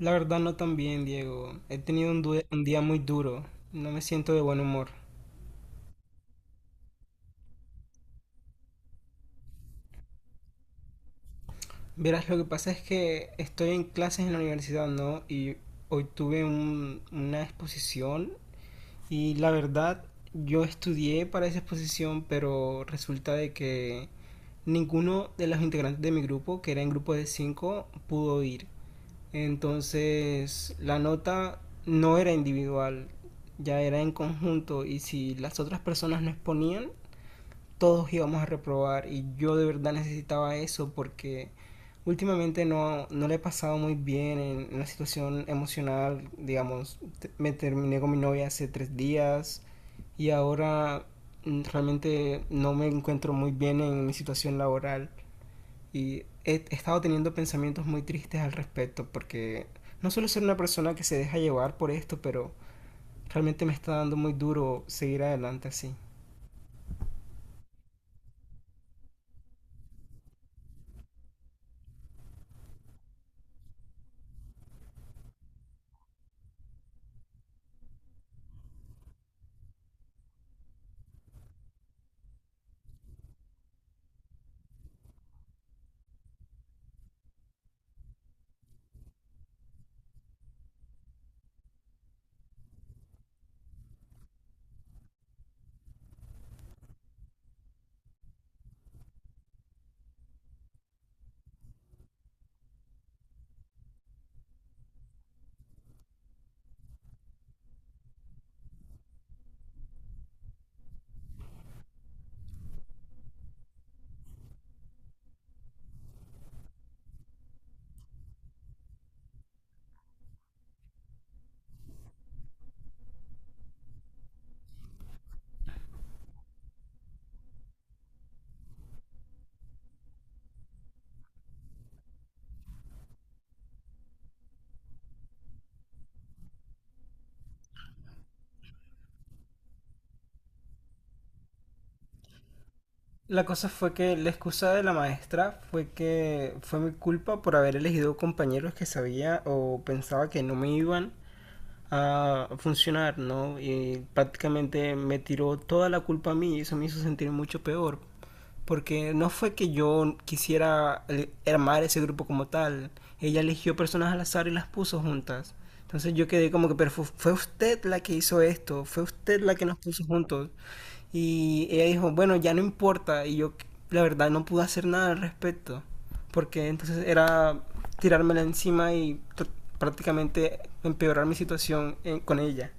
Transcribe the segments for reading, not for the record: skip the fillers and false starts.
La verdad no tan bien, Diego. He tenido un día muy duro. No me siento de buen humor. Verás, lo que pasa es que estoy en clases en la universidad, ¿no? Y hoy tuve una exposición y la verdad yo estudié para esa exposición, pero resulta de que ninguno de los integrantes de mi grupo, que era en grupo de 5, pudo ir. Entonces la nota no era individual, ya era en conjunto y si las otras personas no exponían, todos íbamos a reprobar y yo de verdad necesitaba eso porque últimamente no le he pasado muy bien en, una situación emocional, digamos, me terminé con mi novia hace 3 días y ahora realmente no me encuentro muy bien en mi situación laboral y he estado teniendo pensamientos muy tristes al respecto porque no suelo ser una persona que se deja llevar por esto, pero realmente me está dando muy duro seguir adelante así. La cosa fue que la excusa de la maestra fue que fue mi culpa por haber elegido compañeros que sabía o pensaba que no me iban a funcionar, ¿no? Y prácticamente me tiró toda la culpa a mí y eso me hizo sentir mucho peor. Porque no fue que yo quisiera armar ese grupo como tal. Ella eligió personas al azar y las puso juntas. Entonces yo quedé como que, pero fue usted la que hizo esto, fue usted la que nos puso juntos. Y ella dijo, bueno, ya no importa. Y yo, la verdad, no pude hacer nada al respecto. Porque entonces era tirármela encima y prácticamente empeorar mi situación con ella.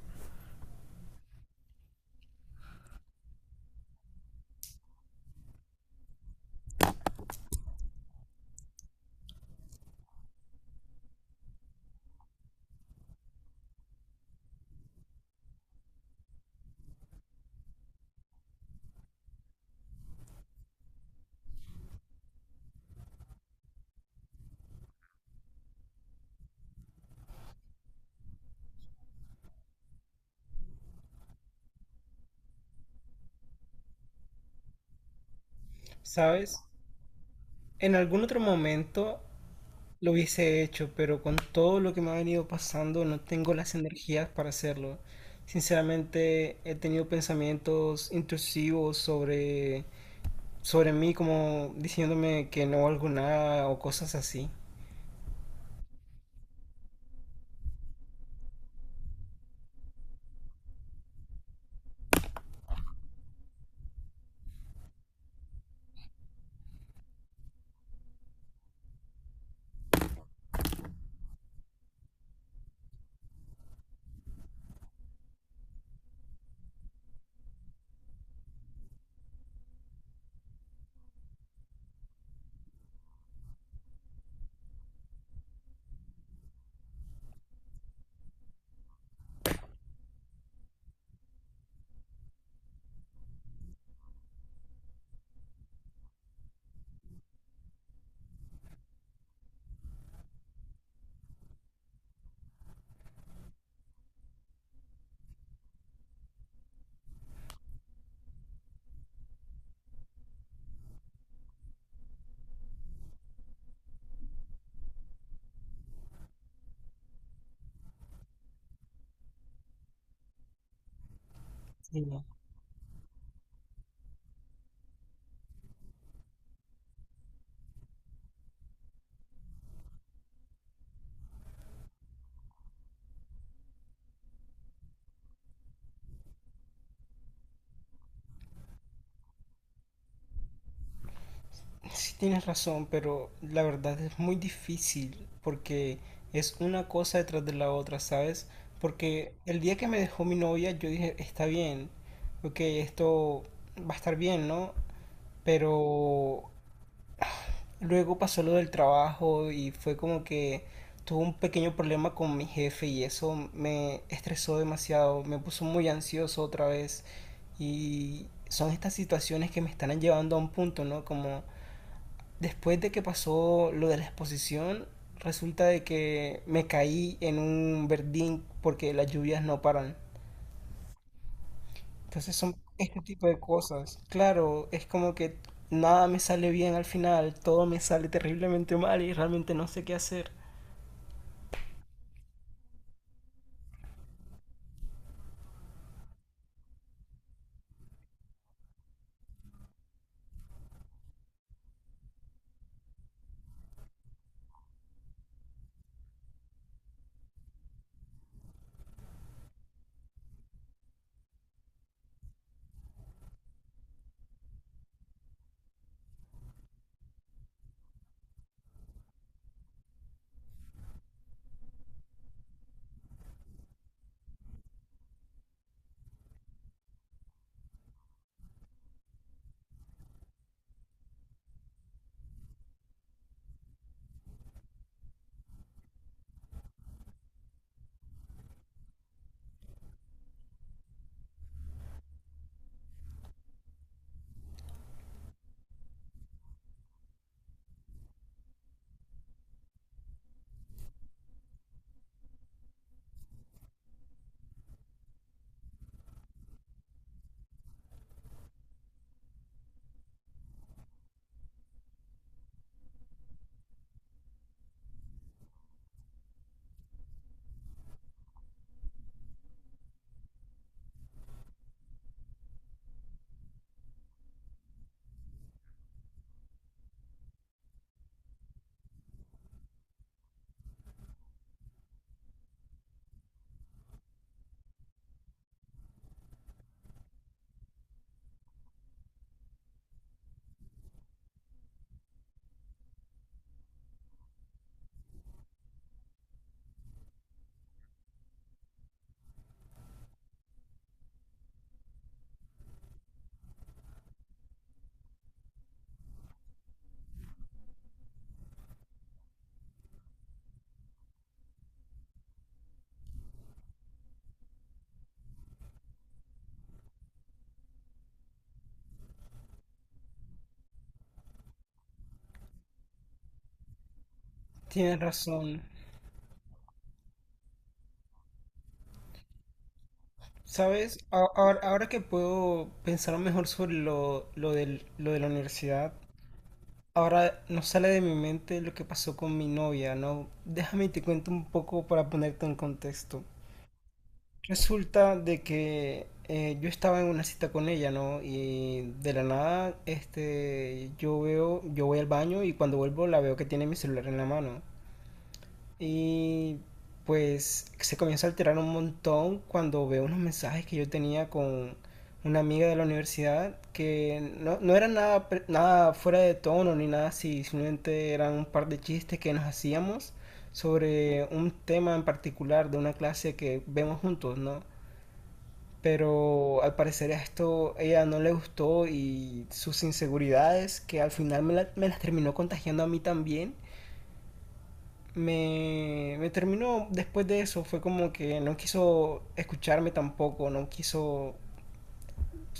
¿Sabes? En algún otro momento lo hubiese hecho, pero con todo lo que me ha venido pasando no tengo las energías para hacerlo. Sinceramente he tenido pensamientos intrusivos sobre mí, como diciéndome que no valgo nada o cosas así. Sí, no. Sí, tienes razón, pero la verdad es muy difícil porque es una cosa detrás de la otra, ¿sabes? Porque el día que me dejó mi novia yo dije, está bien, ok, esto va a estar bien, ¿no? Pero luego pasó lo del trabajo y fue como que tuve un pequeño problema con mi jefe y eso me estresó demasiado, me puso muy ansioso otra vez y son estas situaciones que me están llevando a un punto, ¿no? Como después de que pasó lo de la exposición, resulta de que me caí en un verdín porque las lluvias no paran. Entonces son este tipo de cosas. Claro, es como que nada me sale bien al final, todo me sale terriblemente mal y realmente no sé qué hacer. Tienes razón. ¿Sabes? Ahora, ahora que puedo pensar mejor sobre lo de la universidad, ahora no sale de mi mente lo que pasó con mi novia, ¿no? Déjame y te cuento un poco para ponerte en contexto. Resulta de que yo estaba en una cita con ella, ¿no? Y de la nada, este, yo veo, yo voy al baño y cuando vuelvo la veo que tiene mi celular en la mano. Y pues se comienza a alterar un montón cuando veo unos mensajes que yo tenía con una amiga de la universidad que no eran nada, nada fuera de tono ni nada así, simplemente eran un par de chistes que nos hacíamos sobre un tema en particular de una clase que vemos juntos, ¿no? Pero al parecer esto ella no le gustó y sus inseguridades, que al final me las terminó contagiando a mí también, me terminó después de eso. Fue como que no quiso escucharme tampoco, no quiso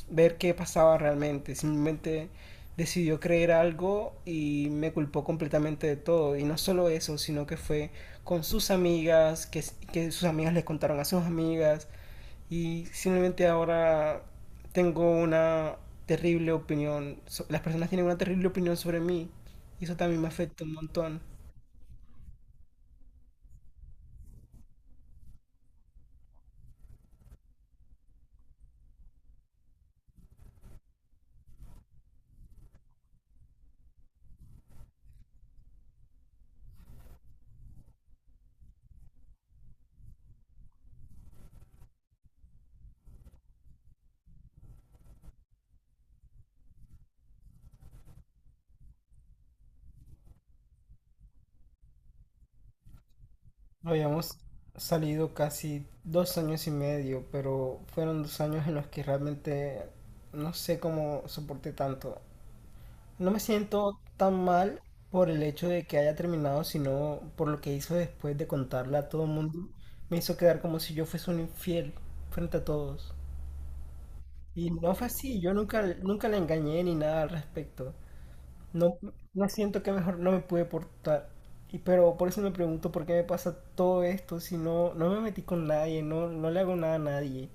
ver qué pasaba realmente. Simplemente decidió creer algo y me culpó completamente de todo. Y no solo eso, sino que fue con sus amigas, que sus amigas le contaron a sus amigas y simplemente ahora tengo una terrible opinión. Las personas tienen una terrible opinión sobre mí. Y eso también me afecta un montón. Habíamos salido casi 2 años y medio, pero fueron 2 años en los que realmente no sé cómo soporté tanto. No me siento tan mal por el hecho de que haya terminado, sino por lo que hizo después de contarle a todo el mundo. Me hizo quedar como si yo fuese un infiel frente a todos. Y no fue así, yo nunca, nunca la engañé ni nada al respecto. No, no siento que mejor no me pude portar. Y pero por eso me pregunto por qué me pasa todo esto si no me metí con nadie, no le hago nada a nadie.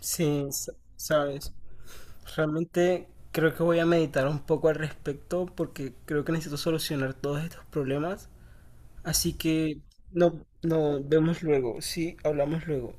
Sí, sabes, realmente creo que voy a meditar un poco al respecto porque creo que necesito solucionar todos estos problemas. Así que no, no, vemos luego, sí, hablamos luego.